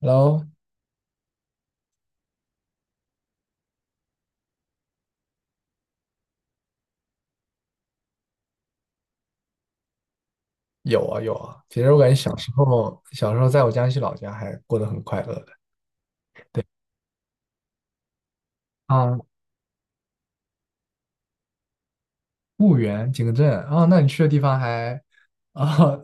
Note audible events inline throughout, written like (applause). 然后有啊有啊，其实我感觉小时候在我江西老家还过得很快乐的啊，婺源、景德镇啊，那你去的地方还啊，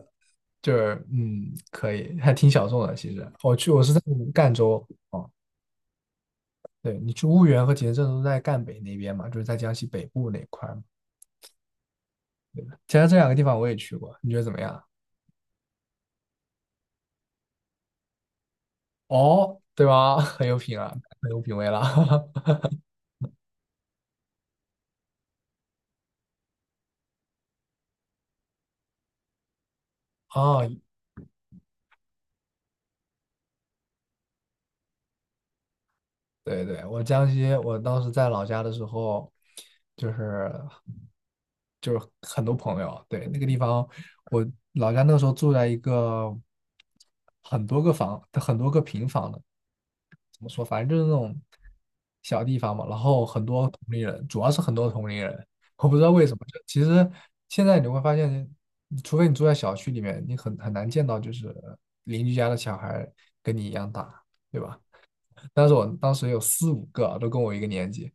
就是可以，还挺小众的。其实我去我是在赣州哦，对你去婺源和景德镇都在赣北那边嘛，就是在江西北部那块儿嘛。其实这两个地方我也去过，你觉得怎么样？哦，对吧？(laughs) 很有品啊，很有品味了。(laughs) 哦，对对，我江西，我当时在老家的时候，就是就是很多朋友，对，那个地方，我老家那个时候住在一个很多个房，很多个平房的，怎么说，反正就是那种小地方嘛。然后很多同龄人，主要是很多同龄人，我不知道为什么。就其实现在你会发现，除非你住在小区里面，你很难见到就是邻居家的小孩跟你一样大，对吧？但是我当时有四五个都跟我一个年级，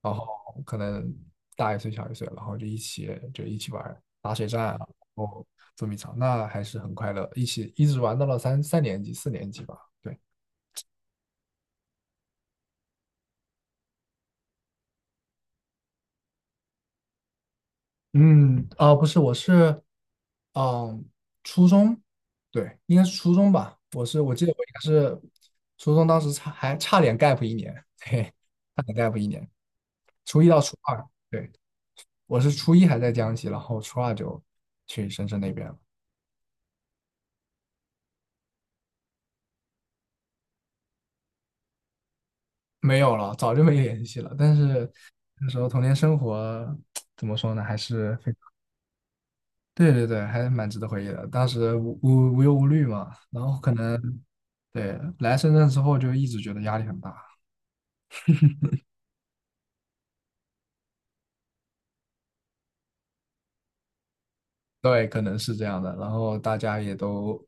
然后可能大一岁小一岁，然后就一起玩儿打水战啊，然后捉迷藏，那还是很快乐，一起一直玩到了三年级四年级吧。对，嗯，啊，不是，我是嗯初中，对，应该是初中吧。我是我记得我应该是初中，当时还差点 gap 一年，嘿，差点 gap 一年，初一到初二，对，我是初一还在江西，然后初二就去深圳那边了。没有了，早就没联系了。但是那时候童年生活怎么说呢，还是非常，对对对，还是蛮值得回忆的。当时无忧无虑嘛，然后可能对来深圳之后就一直觉得压力很大，对，可能是这样的。然后大家也都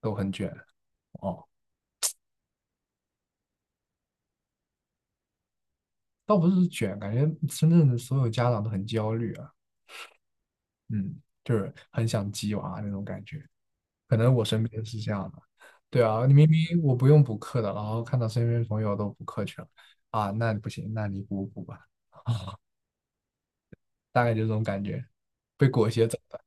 都很卷哦，倒不是卷，感觉深圳的所有家长都很焦虑啊，嗯，就是很想鸡娃那种感觉。可能我身边是这样的，对啊，你明明我不用补课的，然后看到身边朋友都补课去了，啊，那不行，那你补补吧，大概就这种感觉，被裹挟走的，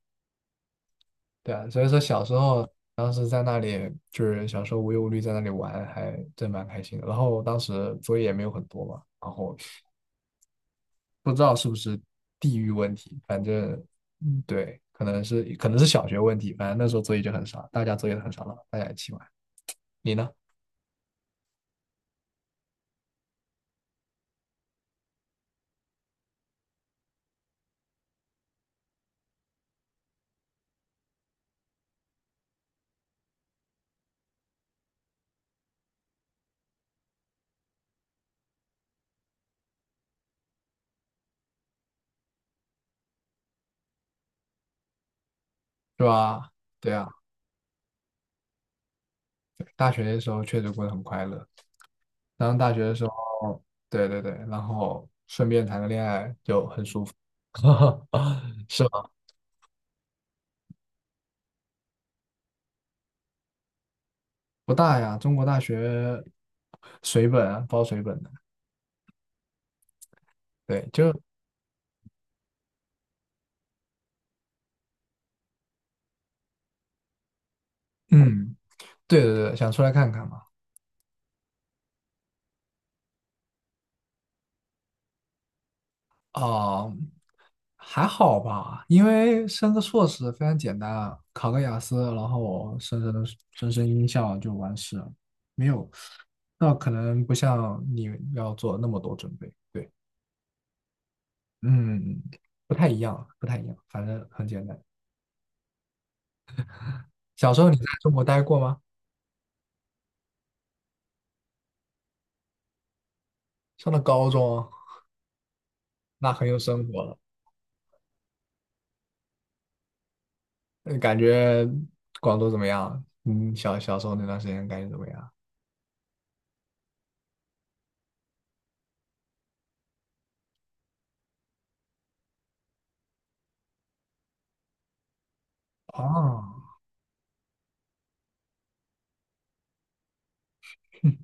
对啊，所以说小时候当时在那里就是小时候无忧无虑在那里玩，还真蛮开心的。然后当时作业也没有很多嘛，然后不知道是不是地域问题，反正嗯对，可能是小学问题，反正那时候作业就很少，大家作业都很少了，大家一起玩，你呢？是吧？对啊。大学的时候确实过得很快乐，然后大学的时候，对对对，然后顺便谈个恋爱就很舒服，(laughs) 是吗？不大呀，中国大学水本啊，包水本的，对，就嗯，对对对，想出来看看嘛，啊、还好吧，因为升个硕士非常简单啊，考个雅思，然后升音效就完事了，没有，那可能不像你要做那么多准备，对。嗯，不太一样，不太一样，反正很简单。小时候你在中国待过吗？上了高中，那很有生活了。那你感觉广州怎么样？嗯，小时候那段时间感觉怎么样？哦，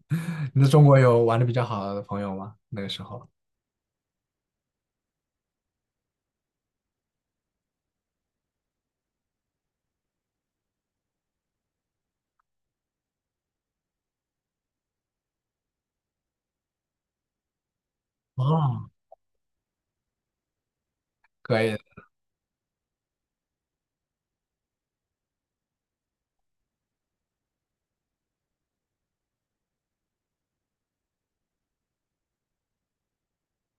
(laughs) 你在中国有玩的比较好的朋友吗？那个时候？哦，可以的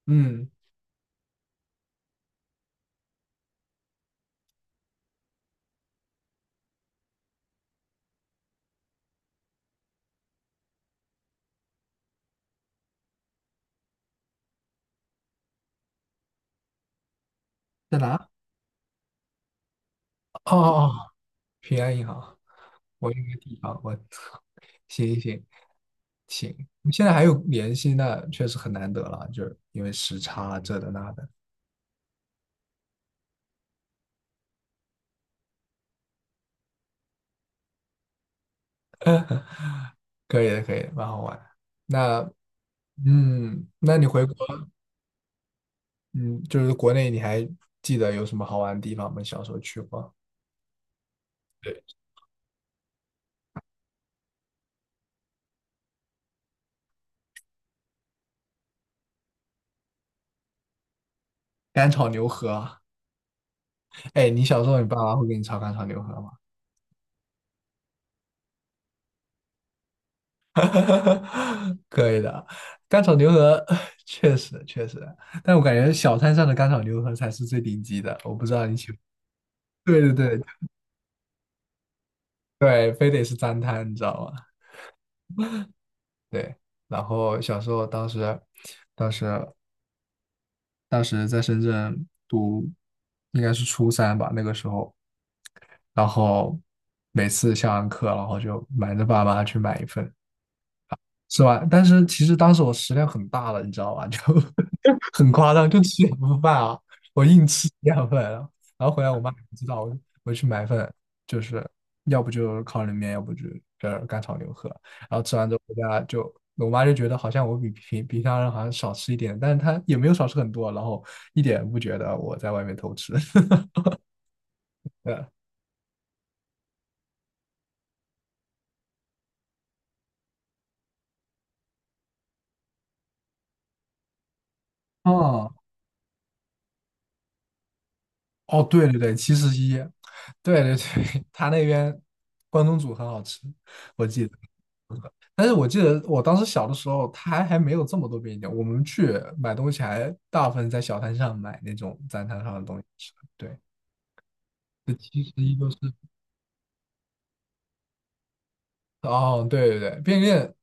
嗯，在哪？哦哦，哦平安银行，我有一个地方，我 (laughs) 操，行行行，你现在还有联系，那确实很难得了，就是因为时差啊这的那的。(laughs) 可以的，可以的蛮好玩的。那，那你回国，嗯，就是国内，你还记得有什么好玩的地方吗？小时候去过？对，干炒牛河啊。哎，你小时候你爸妈会给你炒干炒牛河吗？(laughs) 可以的，干炒牛河 (sighs) 确实确实，但我感觉小摊上的干炒牛河才是最顶级的。我不知道你喜欢，(laughs) 对对对对，非得是脏摊，你知道吗？对。然后小时候当时当时在深圳读，应该是初三吧，那个时候，然后每次下完课，然后就瞒着爸妈去买一份，是吧？但是其实当时我食量很大了，你知道吧？就 (laughs) 很夸张，就吃2份饭啊，我硬吃两份啊然后回来我妈也不知道，我去买份，就是要不就烤冷面，要不就这干炒牛河，然后吃完之后回家就。我妈就觉得好像我比平常人好像少吃一点，但是她也没有少吃很多，然后一点不觉得我在外面偷吃。(laughs) 对，哦哦，对对对，7-Eleven，对对对，(laughs) 他那边关东煮很好吃，我记得。但是我记得我当时小的时候，它还没有这么多便利店，我们去买东西还大部分在小摊上买那种在摊上的东西吃。对，这其实一旧是哦，对对对，便利店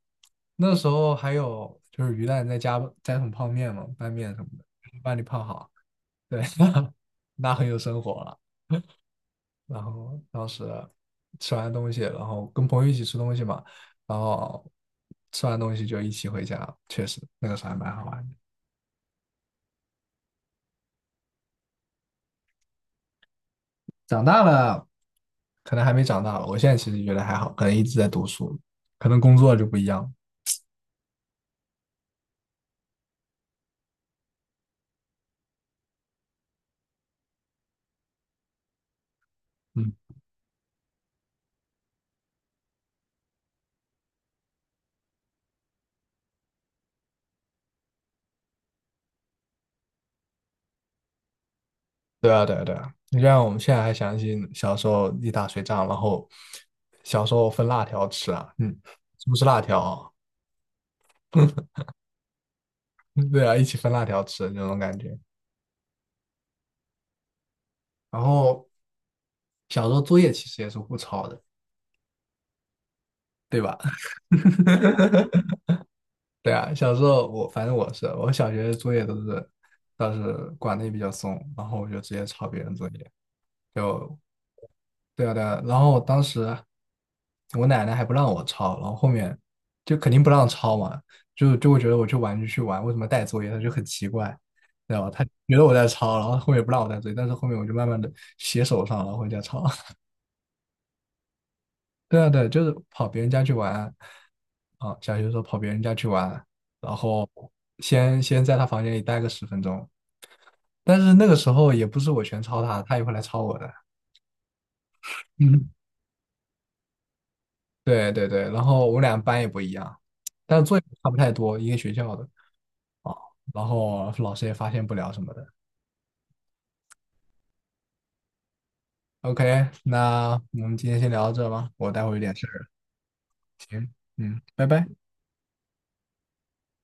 那时候还有就是鱼蛋再加桶泡面嘛，拌面什么的，把你泡好。对，(laughs) 那很有生活了。然后当时吃完东西，然后跟朋友一起吃东西嘛，然后吃完东西就一起回家，确实那个时候还蛮好玩的。长大了，可能还没长大吧我现在其实觉得还好，可能一直在读书，可能工作就不一样了嗯，对啊，对啊，对啊。你就像我们现在还想起小时候一打水仗，然后小时候分辣条吃啊，嗯，是不是辣条啊嗯 (laughs) 对啊，一起分辣条吃那种感觉。然后小时候作业其实也是互抄的，对吧？(laughs) 对啊，小时候反正我小学的作业都是倒是管的也比较松，然后我就直接抄别人作业，就对啊对啊。然后当时我奶奶还不让我抄，然后后面就肯定不让抄嘛，就会觉得我去玩就去玩，为什么带作业？她就很奇怪，知道吧？她觉得我在抄，然后后面不让我带作业，但是后面我就慢慢的写手上，然后回家抄。(laughs) 对啊对啊，就是跑别人家去玩。啊，小学的时候跑别人家去玩，然后先在他房间里待个10分钟，但是那个时候也不是我全抄他，他也会来抄我的。(laughs) 嗯。对对对，然后我们俩班也不一样，但是作业差不太多，一个学校的啊，然后老师也发现不了什么的。OK，那我们今天先聊到这吧，我待会儿有点事儿。行，嗯，拜拜。